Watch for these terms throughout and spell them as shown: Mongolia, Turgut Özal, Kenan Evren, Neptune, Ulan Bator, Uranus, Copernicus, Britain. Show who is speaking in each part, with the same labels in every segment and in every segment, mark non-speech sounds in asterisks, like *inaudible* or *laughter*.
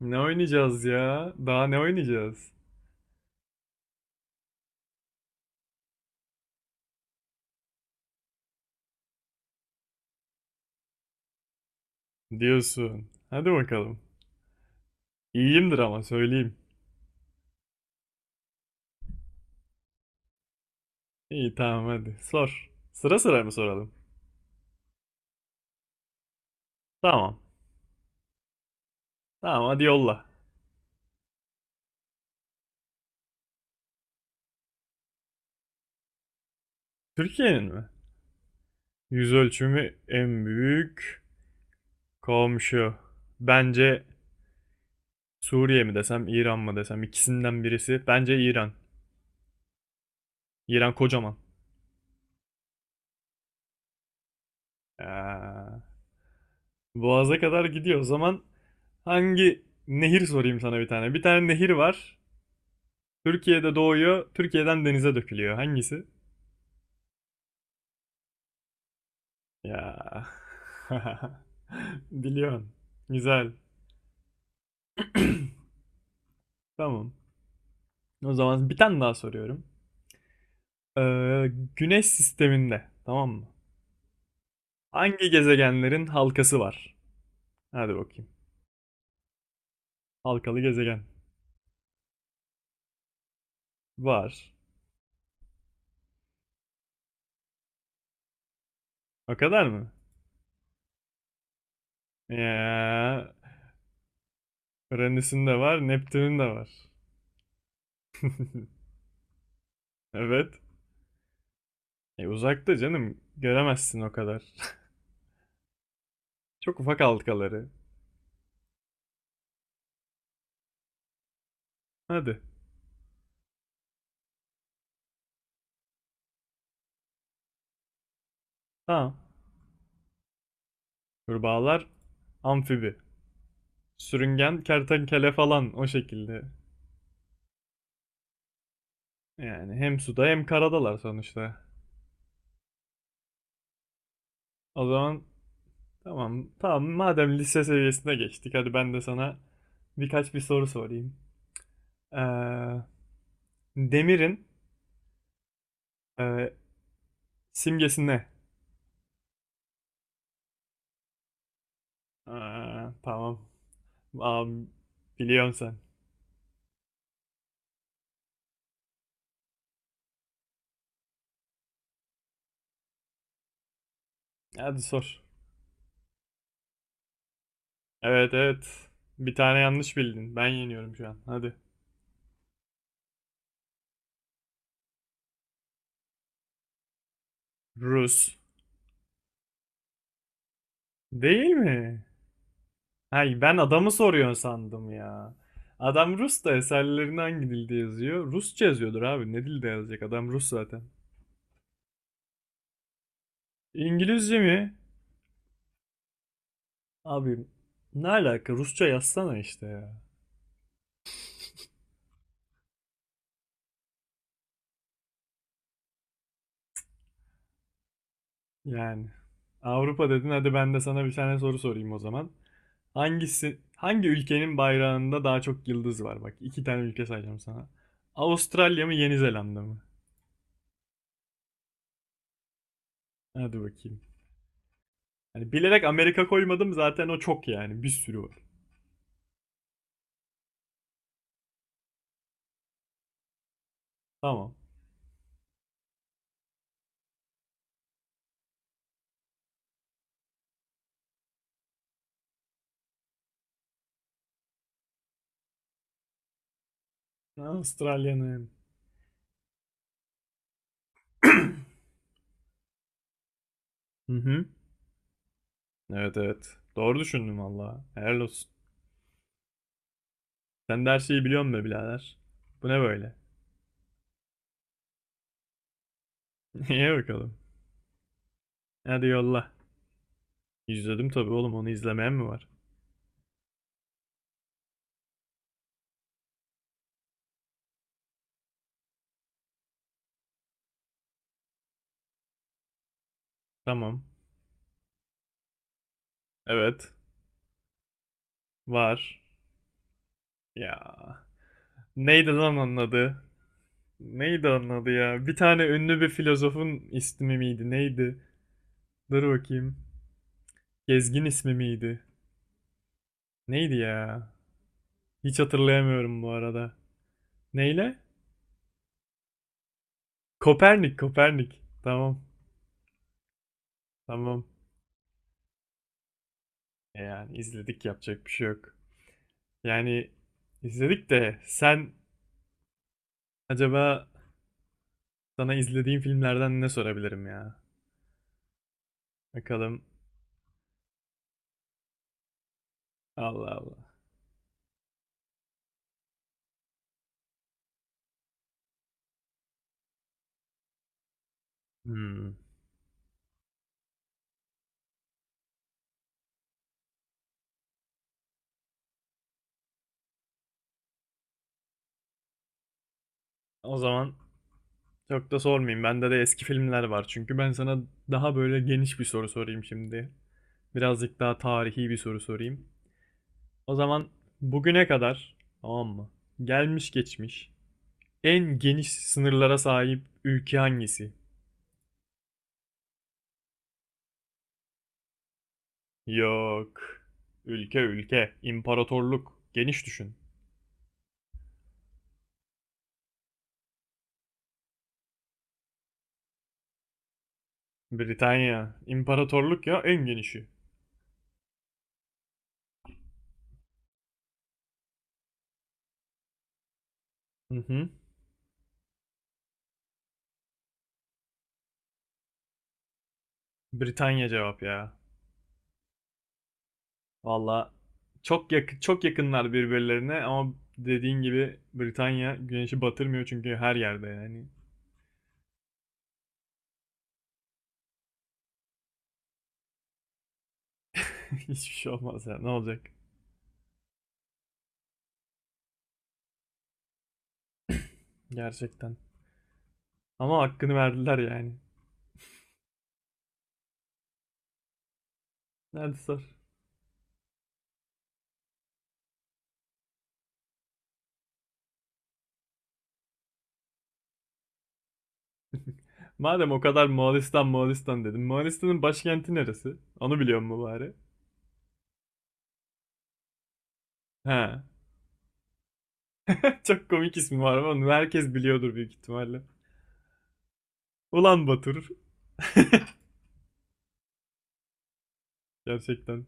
Speaker 1: Ne oynayacağız ya? Daha ne oynayacağız? Diyorsun. Hadi bakalım. İyiyimdir ama söyleyeyim. İyi tamam hadi sor. Sıra sıra mı soralım? Tamam. Tamam hadi yolla. Türkiye'nin mi? Yüz ölçümü en büyük komşu. Bence Suriye mi desem İran mı desem ikisinden birisi. Bence İran. İran kocaman. Ee, Boğaz'a kadar gidiyor. O zaman hangi nehir sorayım sana bir tane. Bir tane nehir var. Türkiye'de doğuyor, Türkiye'den denize dökülüyor. Hangisi? Ya. *laughs* Biliyorsun. Güzel. Tamam. O zaman bir tane daha soruyorum. Güneş sisteminde, tamam mı? Hangi gezegenlerin halkası var? Hadi bakayım. Halkalı gezegen. Var. O kadar mı? Ya. Uranüs'ün de var, Neptün'ün de var. *laughs* Evet. E uzakta canım. Göremezsin o kadar. Çok ufak halkaları. Hadi. Tamam. Kurbağalar amfibi. Sürüngen kertenkele falan o şekilde. Yani hem suda hem karadalar sonuçta. O zaman tamam tamam madem lise seviyesine geçtik hadi ben de sana bir soru sorayım. Ee, demirin e, simgesi ne? Aa, tamam. Aa, biliyorsun sen. Hadi sor. Evet evet. Bir tane yanlış bildin. Ben yeniyorum şu an. Hadi. Rus. Değil mi? Hayır ben adamı soruyorsun sandım ya. Adam Rus da eserlerinde hangi dilde yazıyor? Rusça yazıyordur abi. Ne dilde yazacak? Adam Rus zaten. İngilizce mi? Abi ne alaka? Rusça yazsana işte ya. Yani Avrupa dedin hadi ben de sana bir tane soru sorayım o zaman. Hangi ülkenin bayrağında daha çok yıldız var? Bak iki tane ülke sayacağım sana. Avustralya mı Yeni Zelanda mı? Hadi bakayım. Hani bilerek Amerika koymadım zaten o çok yani bir sürü var. Tamam. Avustralya'nın. Hı hı. Evet evet. Doğru düşündüm valla. Helal olsun. Sen de her şeyi biliyorsun be birader. Bu ne böyle? *laughs* Niye bakalım? Hadi yolla. İzledim tabii oğlum onu izlemeyen mi var? Tamam. Evet. Var. Ya. Neydi lan onun adı? Neydi onun adı ya? Bir tane ünlü bir filozofun ismi miydi? Neydi? Dur bakayım. Gezgin ismi miydi? Neydi ya? Hiç hatırlayamıyorum bu arada. Neyle? Kopernik, Kopernik. Tamam, tamam. E yani izledik yapacak bir şey yok. Yani izledik de sen acaba sana izlediğim filmlerden ne sorabilirim ya? Bakalım. Allah Allah. Hmm. O zaman çok da sormayayım. Bende de eski filmler var. Çünkü ben sana daha böyle geniş bir soru sorayım şimdi. Birazcık daha tarihi bir soru sorayım. O zaman bugüne kadar tamam mı? Gelmiş geçmiş en geniş sınırlara sahip ülke hangisi? Yok. Ülke ülke, imparatorluk. Geniş düşün. Britanya. İmparatorluk ya en genişi. Hı hı. Britanya cevap ya. Valla çok yakınlar birbirlerine ama dediğin gibi Britanya güneşi batırmıyor çünkü her yerde yani. *laughs* Hiçbir şey olmaz ya. Ne olacak? Gerçekten. Ama hakkını verdiler yani. Nerede sor. Madem o kadar Moğolistan Moğolistan dedim. Moğolistan'ın başkenti neresi? Onu biliyor mu bari? He. *laughs* Çok komik ismi var ama onu herkes biliyordur büyük ihtimalle. Ulan Batur. *laughs* Gerçekten.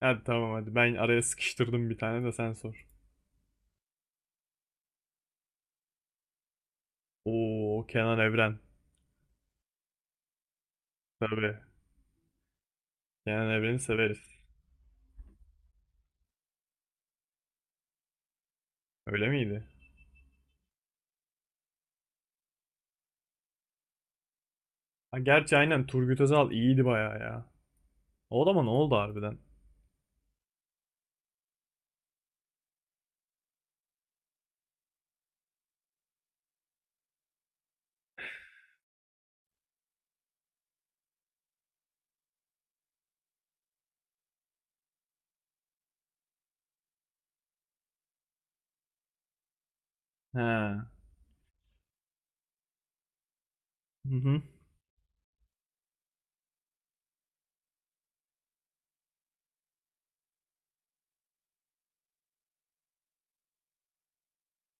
Speaker 1: Hadi tamam hadi ben araya sıkıştırdım bir tane de sen sor. Oo, Kenan Evren. Tabii. Kenan Evren'i severiz. Öyle miydi? Ha, gerçi aynen Turgut Özal iyiydi bayağı ya. O da mı ne oldu harbiden? He. Hı hı.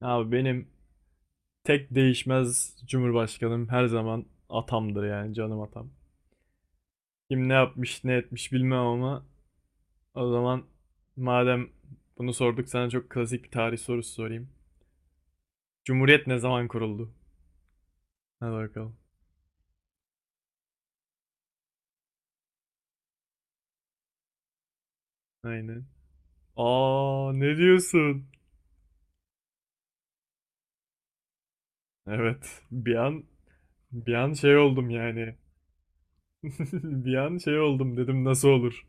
Speaker 1: Abi benim tek değişmez Cumhurbaşkanım her zaman atamdır yani canım atam. Kim ne yapmış ne etmiş bilmem ama. O zaman madem bunu sorduk sana çok klasik bir tarih sorusu sorayım. Cumhuriyet ne zaman kuruldu? Hadi bakalım. Aynen. Aa, ne diyorsun? Evet. Bir an şey oldum yani. *laughs* Bir an şey oldum dedim nasıl olur?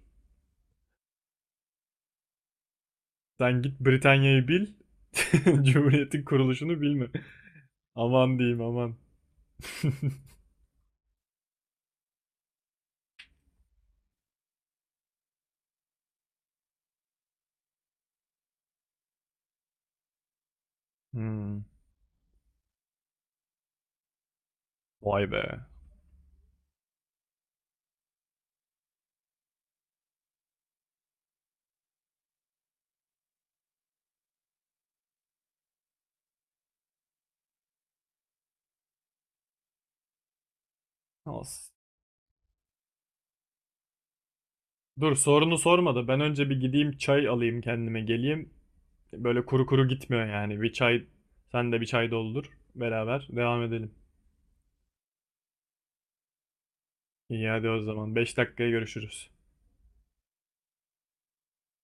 Speaker 1: Sen git Britanya'yı bil. *laughs* Cumhuriyetin kuruluşunu bilme. Aman diyeyim aman. *laughs* Hmm, Vay be. Olsun. Dur sorunu sormadı. Ben önce bir gideyim çay alayım kendime geleyim. Böyle kuru kuru gitmiyor yani. Bir çay sen de bir çay doldur. Beraber devam edelim. İyi hadi o zaman. 5 dakikaya görüşürüz.